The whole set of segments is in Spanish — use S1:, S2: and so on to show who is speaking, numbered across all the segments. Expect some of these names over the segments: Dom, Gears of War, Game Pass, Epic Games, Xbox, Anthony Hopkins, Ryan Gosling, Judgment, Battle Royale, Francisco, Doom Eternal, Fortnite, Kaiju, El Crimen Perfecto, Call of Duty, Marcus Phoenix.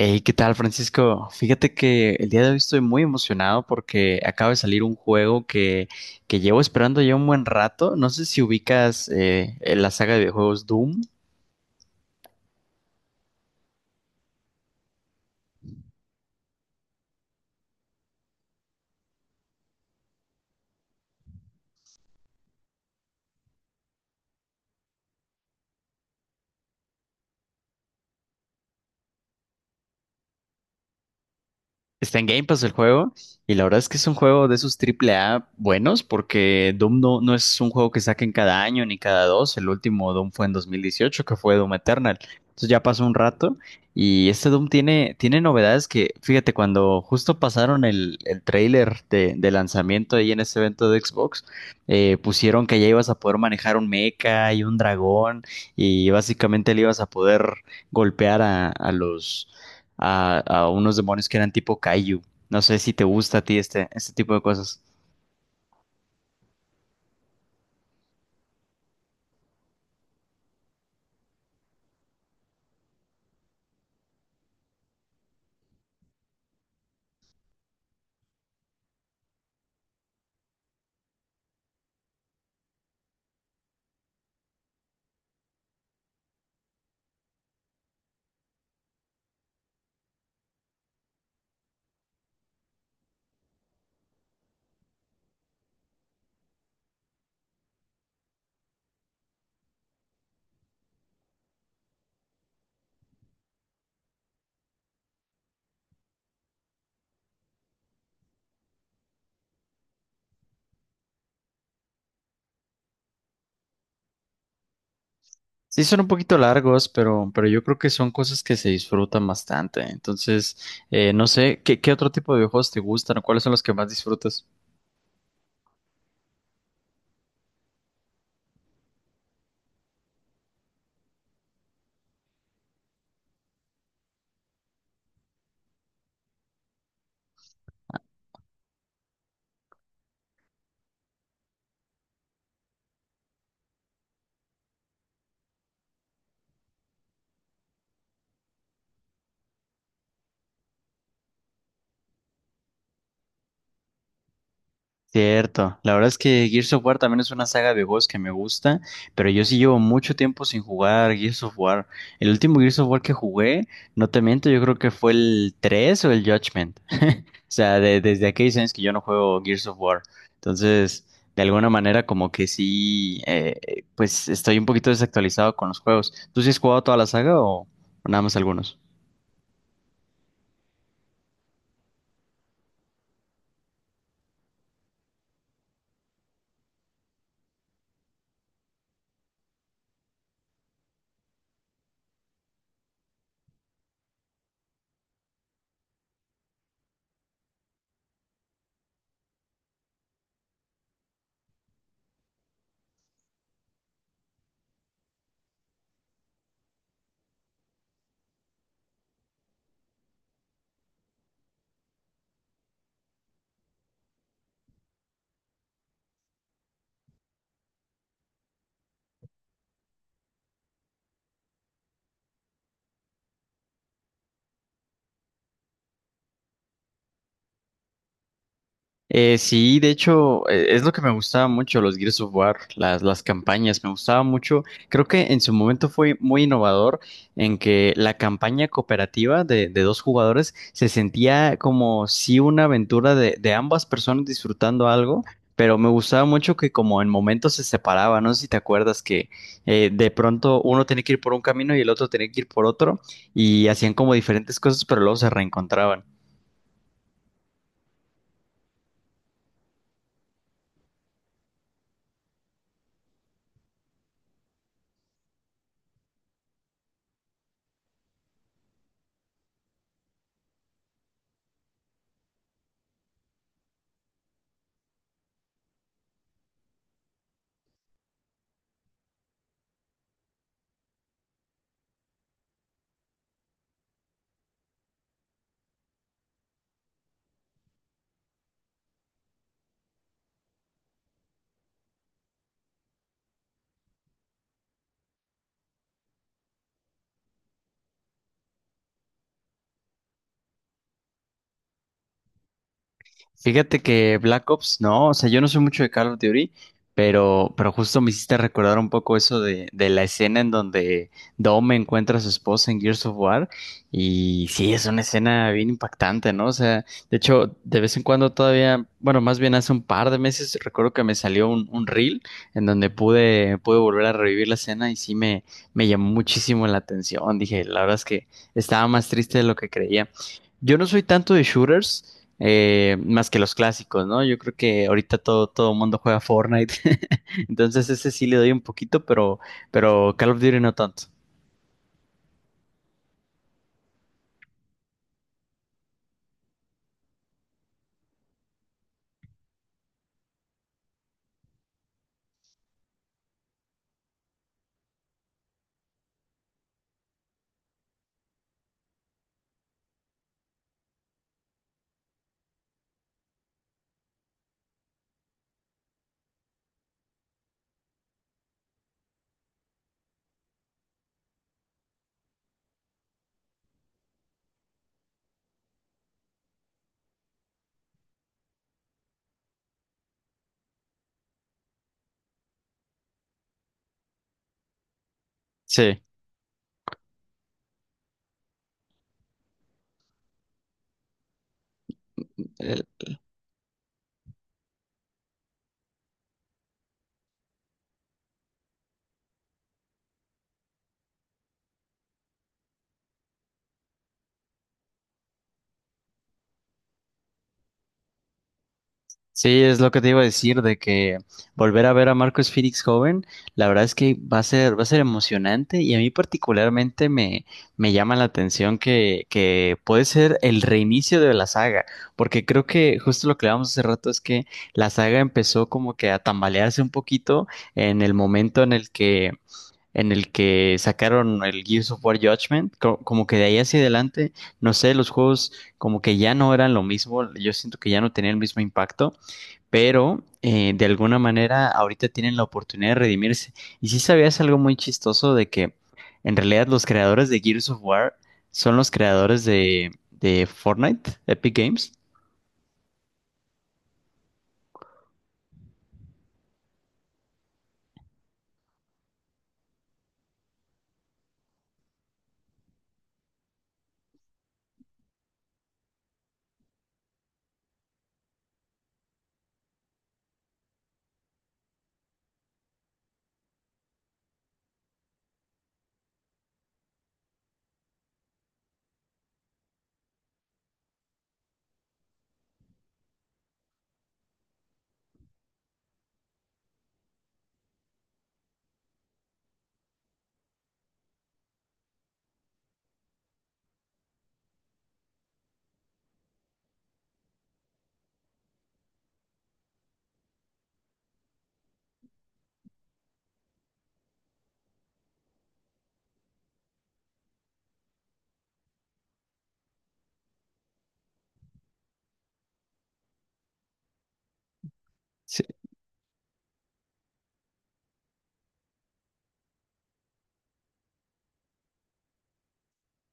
S1: Hey, ¿qué tal, Francisco? Fíjate que el día de hoy estoy muy emocionado porque acaba de salir un juego que llevo esperando ya un buen rato. No sé si ubicas la saga de videojuegos Doom. Está en Game Pass el juego y la verdad es que es un juego de esos triple A buenos porque Doom no, no es un juego que saquen cada año ni cada dos. El último Doom fue en 2018, que fue Doom Eternal. Entonces ya pasó un rato y este Doom tiene novedades que, fíjate, cuando justo pasaron el tráiler de lanzamiento ahí en ese evento de Xbox, pusieron que ya ibas a poder manejar un mecha y un dragón y básicamente le ibas a poder golpear a los a unos demonios que eran tipo Kaiju. No sé si te gusta a ti este tipo de cosas. Sí, son un poquito largos, pero yo creo que son cosas que se disfrutan bastante. Entonces, no sé, ¿qué otro tipo de videojuegos te gustan o cuáles son los que más disfrutas? Cierto, la verdad es que Gears of War también es una saga de juegos que me gusta, pero yo sí llevo mucho tiempo sin jugar Gears of War. El último Gears of War que jugué, no te miento, yo creo que fue el 3 o el Judgment. O sea, desde aquellos años que yo no juego Gears of War. Entonces, de alguna manera como que sí, pues estoy un poquito desactualizado con los juegos. ¿Tú sí has jugado toda la saga o nada más algunos? Sí, de hecho, es lo que me gustaba mucho los Gears of War, las campañas, me gustaba mucho. Creo que en su momento fue muy innovador en que la campaña cooperativa de dos jugadores se sentía como si una aventura de ambas personas disfrutando algo, pero me gustaba mucho que como en momentos se separaba, no sé si te acuerdas que de pronto uno tenía que ir por un camino y el otro tenía que ir por otro y hacían como diferentes cosas, pero luego se reencontraban. Fíjate que Black Ops, no, o sea, yo no soy mucho de Call of Duty, pero justo me hiciste recordar un poco eso de la escena en donde Dom encuentra a su esposa en Gears of War, y sí, es una escena bien impactante, ¿no? O sea, de hecho, de vez en cuando todavía, bueno, más bien hace un par de meses, recuerdo que me salió un reel en donde pude volver a revivir la escena y sí me llamó muchísimo la atención. Dije, la verdad es que estaba más triste de lo que creía. Yo no soy tanto de shooters, más que los clásicos, ¿no? Yo creo que ahorita todo mundo juega Fortnite, entonces ese sí le doy un poquito, pero Call of Duty no tanto. Sí, eh, sí es lo que te iba a decir de que volver a ver a Marcus Phoenix joven, la verdad es que va a ser emocionante y a mí particularmente me llama la atención que puede ser el reinicio de la saga, porque creo que justo lo que hablábamos hace rato es que la saga empezó como que a tambalearse un poquito en el momento en el que sacaron el Gears of War Judgment. Como que de ahí hacia adelante, no sé, los juegos como que ya no eran lo mismo, yo siento que ya no tenían el mismo impacto, pero de alguna manera ahorita tienen la oportunidad de redimirse. Y sí sabías algo muy chistoso de que en realidad los creadores de Gears of War son los creadores de Fortnite, Epic Games.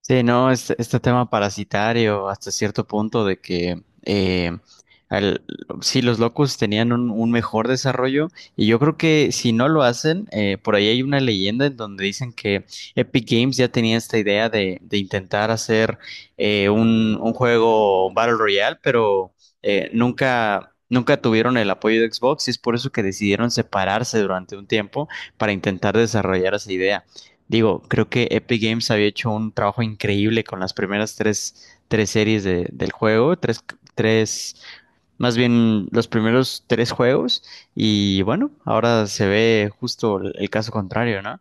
S1: Sí, no, este tema parasitario hasta cierto punto de que al- sí, los locos tenían un mejor desarrollo y yo creo que si no lo hacen, por ahí hay una leyenda en donde dicen que Epic Games ya tenía esta idea de intentar hacer un juego Battle Royale, pero nunca... Nunca tuvieron el apoyo de Xbox y es por eso que decidieron separarse durante un tiempo para intentar desarrollar esa idea. Digo, creo que Epic Games había hecho un trabajo increíble con las primeras tres series del juego, tres, más bien los primeros tres juegos, y bueno, ahora se ve justo el caso contrario, ¿no?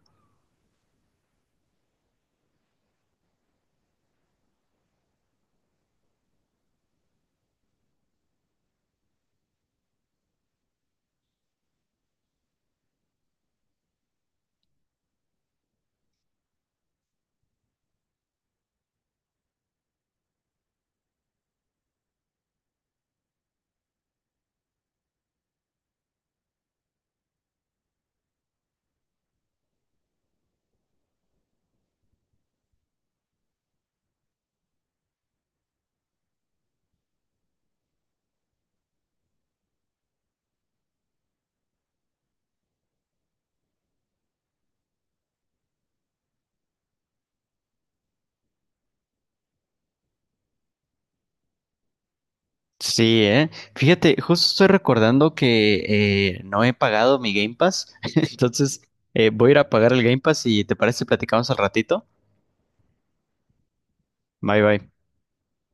S1: Sí, eh. Fíjate, justo estoy recordando que no he pagado mi Game Pass, entonces voy a ir a pagar el Game Pass y ¿te parece si platicamos al ratito? Bye bye.